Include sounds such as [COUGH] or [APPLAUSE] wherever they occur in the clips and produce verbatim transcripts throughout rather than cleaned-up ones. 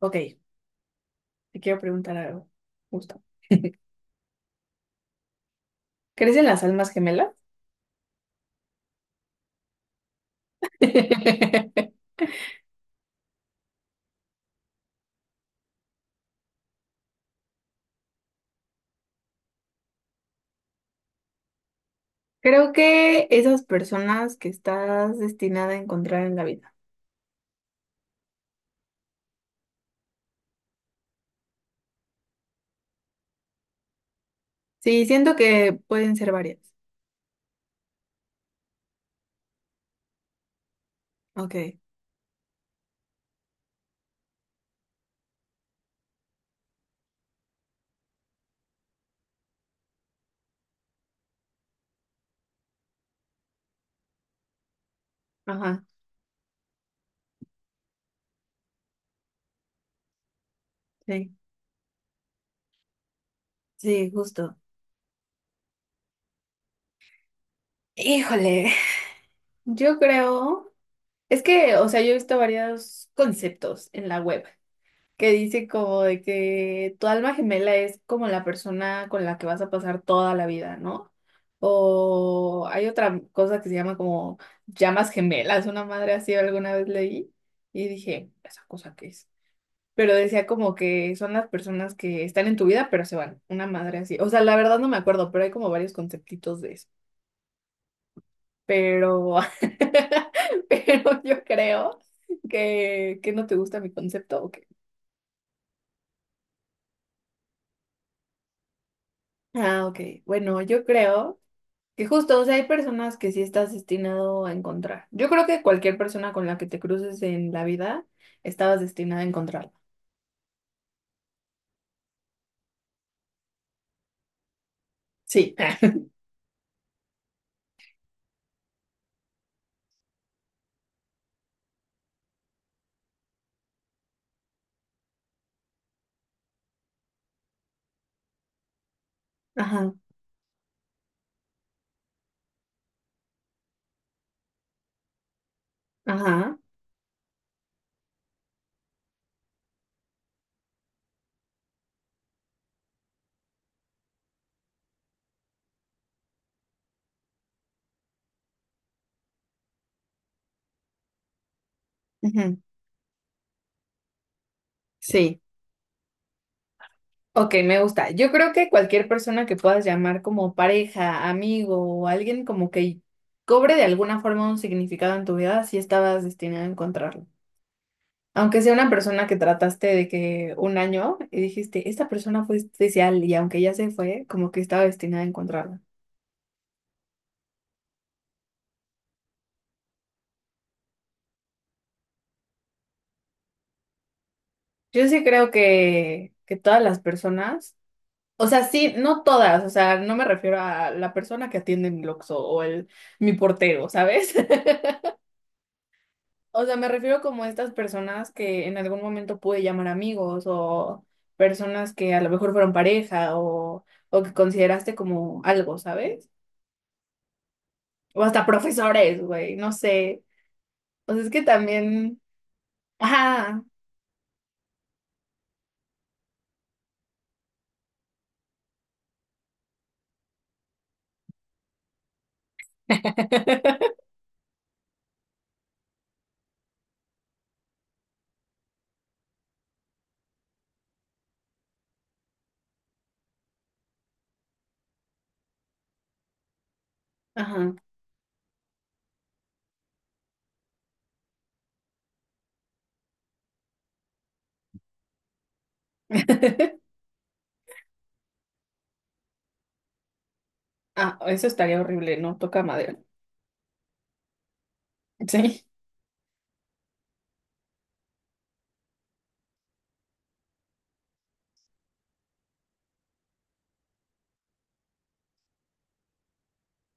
Ok, te quiero preguntar algo, justo. [LAUGHS] ¿Crees en las almas gemelas? [LAUGHS] Creo que esas personas que estás destinada a encontrar en la vida. Sí, siento que pueden ser varias. Ok, ajá, sí, sí, justo. Híjole, yo creo, es que, o sea, yo he visto varios conceptos en la web que dice como de que tu alma gemela es como la persona con la que vas a pasar toda la vida, ¿no? O hay otra cosa que se llama como llamas gemelas, una madre así alguna vez leí y dije, ¿esa cosa qué es? Pero decía como que son las personas que están en tu vida, pero se van, una madre así. O sea, la verdad no me acuerdo, pero hay como varios conceptitos de eso. Pero, [LAUGHS] pero yo creo que, que no te gusta mi concepto, ¿o qué? Ah, ok. Bueno, yo creo. Y justo, o sea, hay personas que sí estás destinado a encontrar. Yo creo que cualquier persona con la que te cruces en la vida, estabas destinada a encontrarla. Sí. [LAUGHS] Ajá, ajá. Ujú. Sí. Ok, me gusta. Yo creo que cualquier persona que puedas llamar como pareja, amigo o alguien como que cobre de alguna forma un significado en tu vida, sí estabas destinada a encontrarlo. Aunque sea una persona que trataste de que un año y dijiste, esta persona fue especial y aunque ya se fue, como que estaba destinada a encontrarla. Yo sí creo que, que todas las personas, o sea, sí, no todas, o sea, no me refiero a la persona que atiende mi Oxxo o el mi portero, ¿sabes? [LAUGHS] O sea, me refiero como a estas personas que en algún momento pude llamar amigos o personas que a lo mejor fueron pareja o, o que consideraste como algo, ¿sabes? O hasta profesores, güey, no sé. O sea, es que también, ajá, ajá. [LAUGHS] Ah, eso estaría horrible, ¿no? Toca madera. Sí.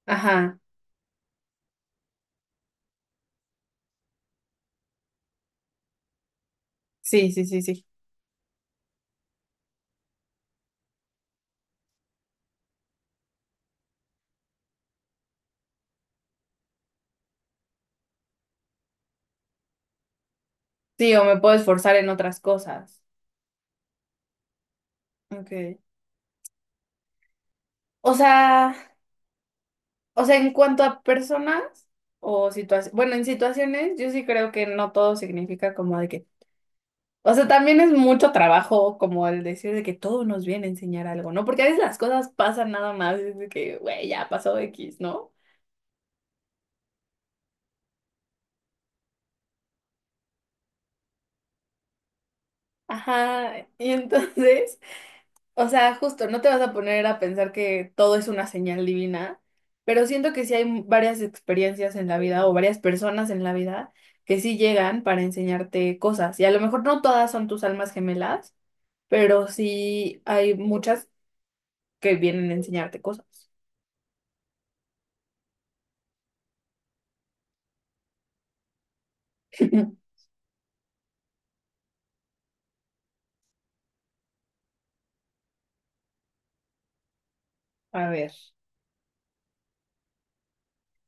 Ajá. Sí, sí, sí, sí. Sí, o me puedo esforzar en otras cosas. Okay. O sea, o sea, en cuanto a personas o situaciones, bueno, en situaciones yo sí creo que no todo significa como de que, o sea, también es mucho trabajo como el decir de que todo nos viene a enseñar algo, ¿no? Porque a veces las cosas pasan nada más, es de que, güey, ya pasó X, ¿no? Ajá, y entonces... O sea, justo, no te vas a poner a pensar que todo es una señal divina, pero siento que sí hay varias experiencias en la vida o varias personas en la vida que sí llegan para enseñarte cosas. Y a lo mejor no todas son tus almas gemelas, pero sí hay muchas que vienen a enseñarte cosas. [LAUGHS] A ver.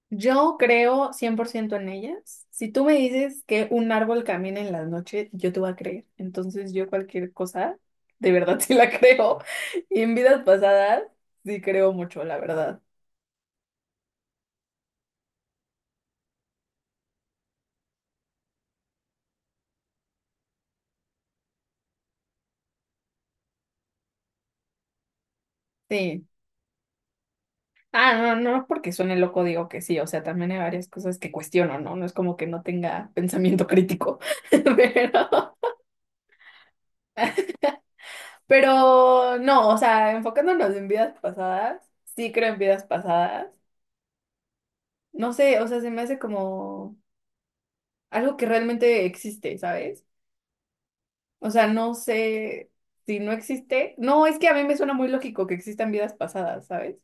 Yo creo cien por ciento en ellas. Si tú me dices que un árbol camina en la noche, yo te voy a creer. Entonces yo cualquier cosa, de verdad [LAUGHS] sí la creo. Y en vidas pasadas, sí creo mucho, la verdad. Sí. Ah, no, no, no porque suene loco digo que sí. O sea, también hay varias cosas que cuestiono, ¿no? No es como que no tenga pensamiento crítico. [LAUGHS] Pero, pero no, o sea, enfocándonos en vidas pasadas, sí creo en vidas pasadas. No sé, o sea, se me hace como... algo que realmente existe, ¿sabes? O sea, no sé si no existe. No, es que a mí me suena muy lógico que existan vidas pasadas, ¿sabes?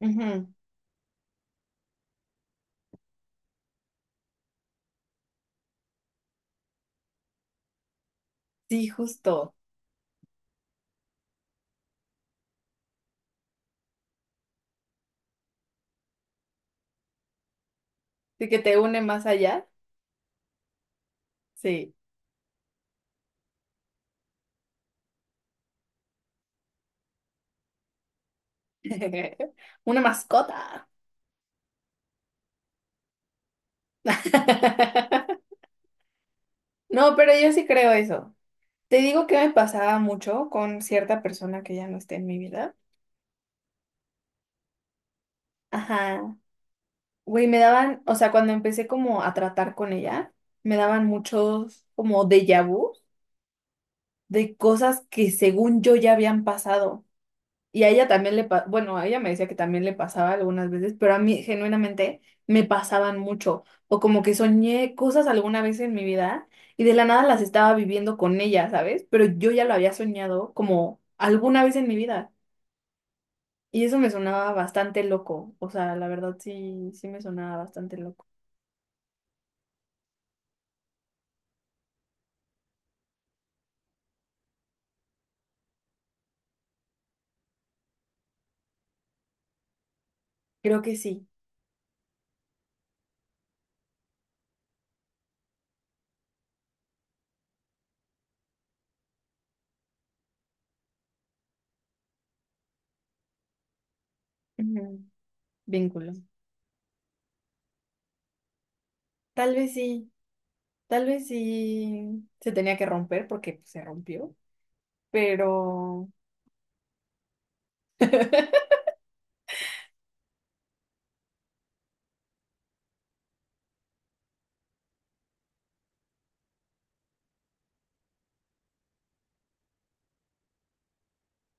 Ujú. Sí, justo. Sí, que te une más allá. Sí. [LAUGHS] Una mascota. [LAUGHS] No, pero yo sí creo eso. Te digo que me pasaba mucho con cierta persona que ya no esté en mi vida. Ajá. Güey, me daban, o sea, cuando empecé como a tratar con ella, me daban muchos como déjà vu de cosas que según yo ya habían pasado. Y a ella también le, pa- bueno, a ella me decía que también le pasaba algunas veces, pero a mí genuinamente me pasaban mucho. O como que soñé cosas alguna vez en mi vida y de la nada las estaba viviendo con ella, ¿sabes? Pero yo ya lo había soñado como alguna vez en mi vida. Y eso me sonaba bastante loco. O sea, la verdad sí, sí me sonaba bastante loco. Creo que sí. Ujú. Vínculo. Tal vez sí. Tal vez sí se tenía que romper porque pues, se rompió. Pero [LAUGHS]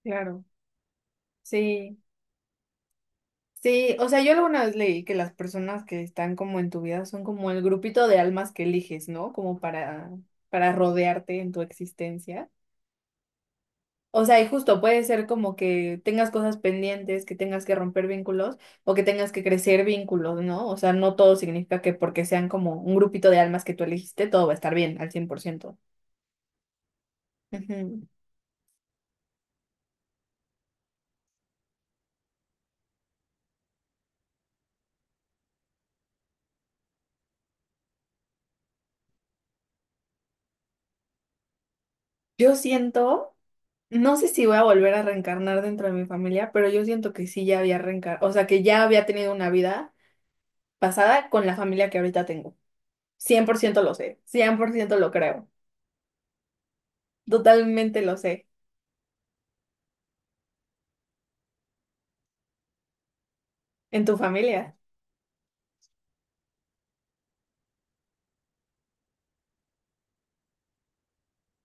claro, sí, sí, o sea, yo alguna vez leí que las personas que están como en tu vida son como el grupito de almas que eliges, ¿no? Como para, para rodearte en tu existencia. O sea, y justo puede ser como que tengas cosas pendientes, que tengas que romper vínculos o que tengas que crecer vínculos, ¿no? O sea, no todo significa que porque sean como un grupito de almas que tú elegiste, todo va a estar bien al cien por ciento. Ujú. Yo siento. No sé si voy a volver a reencarnar dentro de mi familia, pero yo siento que sí ya había reencarnado, o sea, que ya había tenido una vida pasada con la familia que ahorita tengo. Cien por ciento lo sé, cien por ciento lo creo, totalmente lo sé. ¿En tu familia?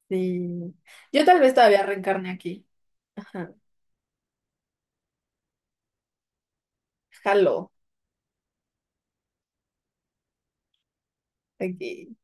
Sí. Yo tal vez todavía reencarne aquí. Ajá. Jalo, aquí.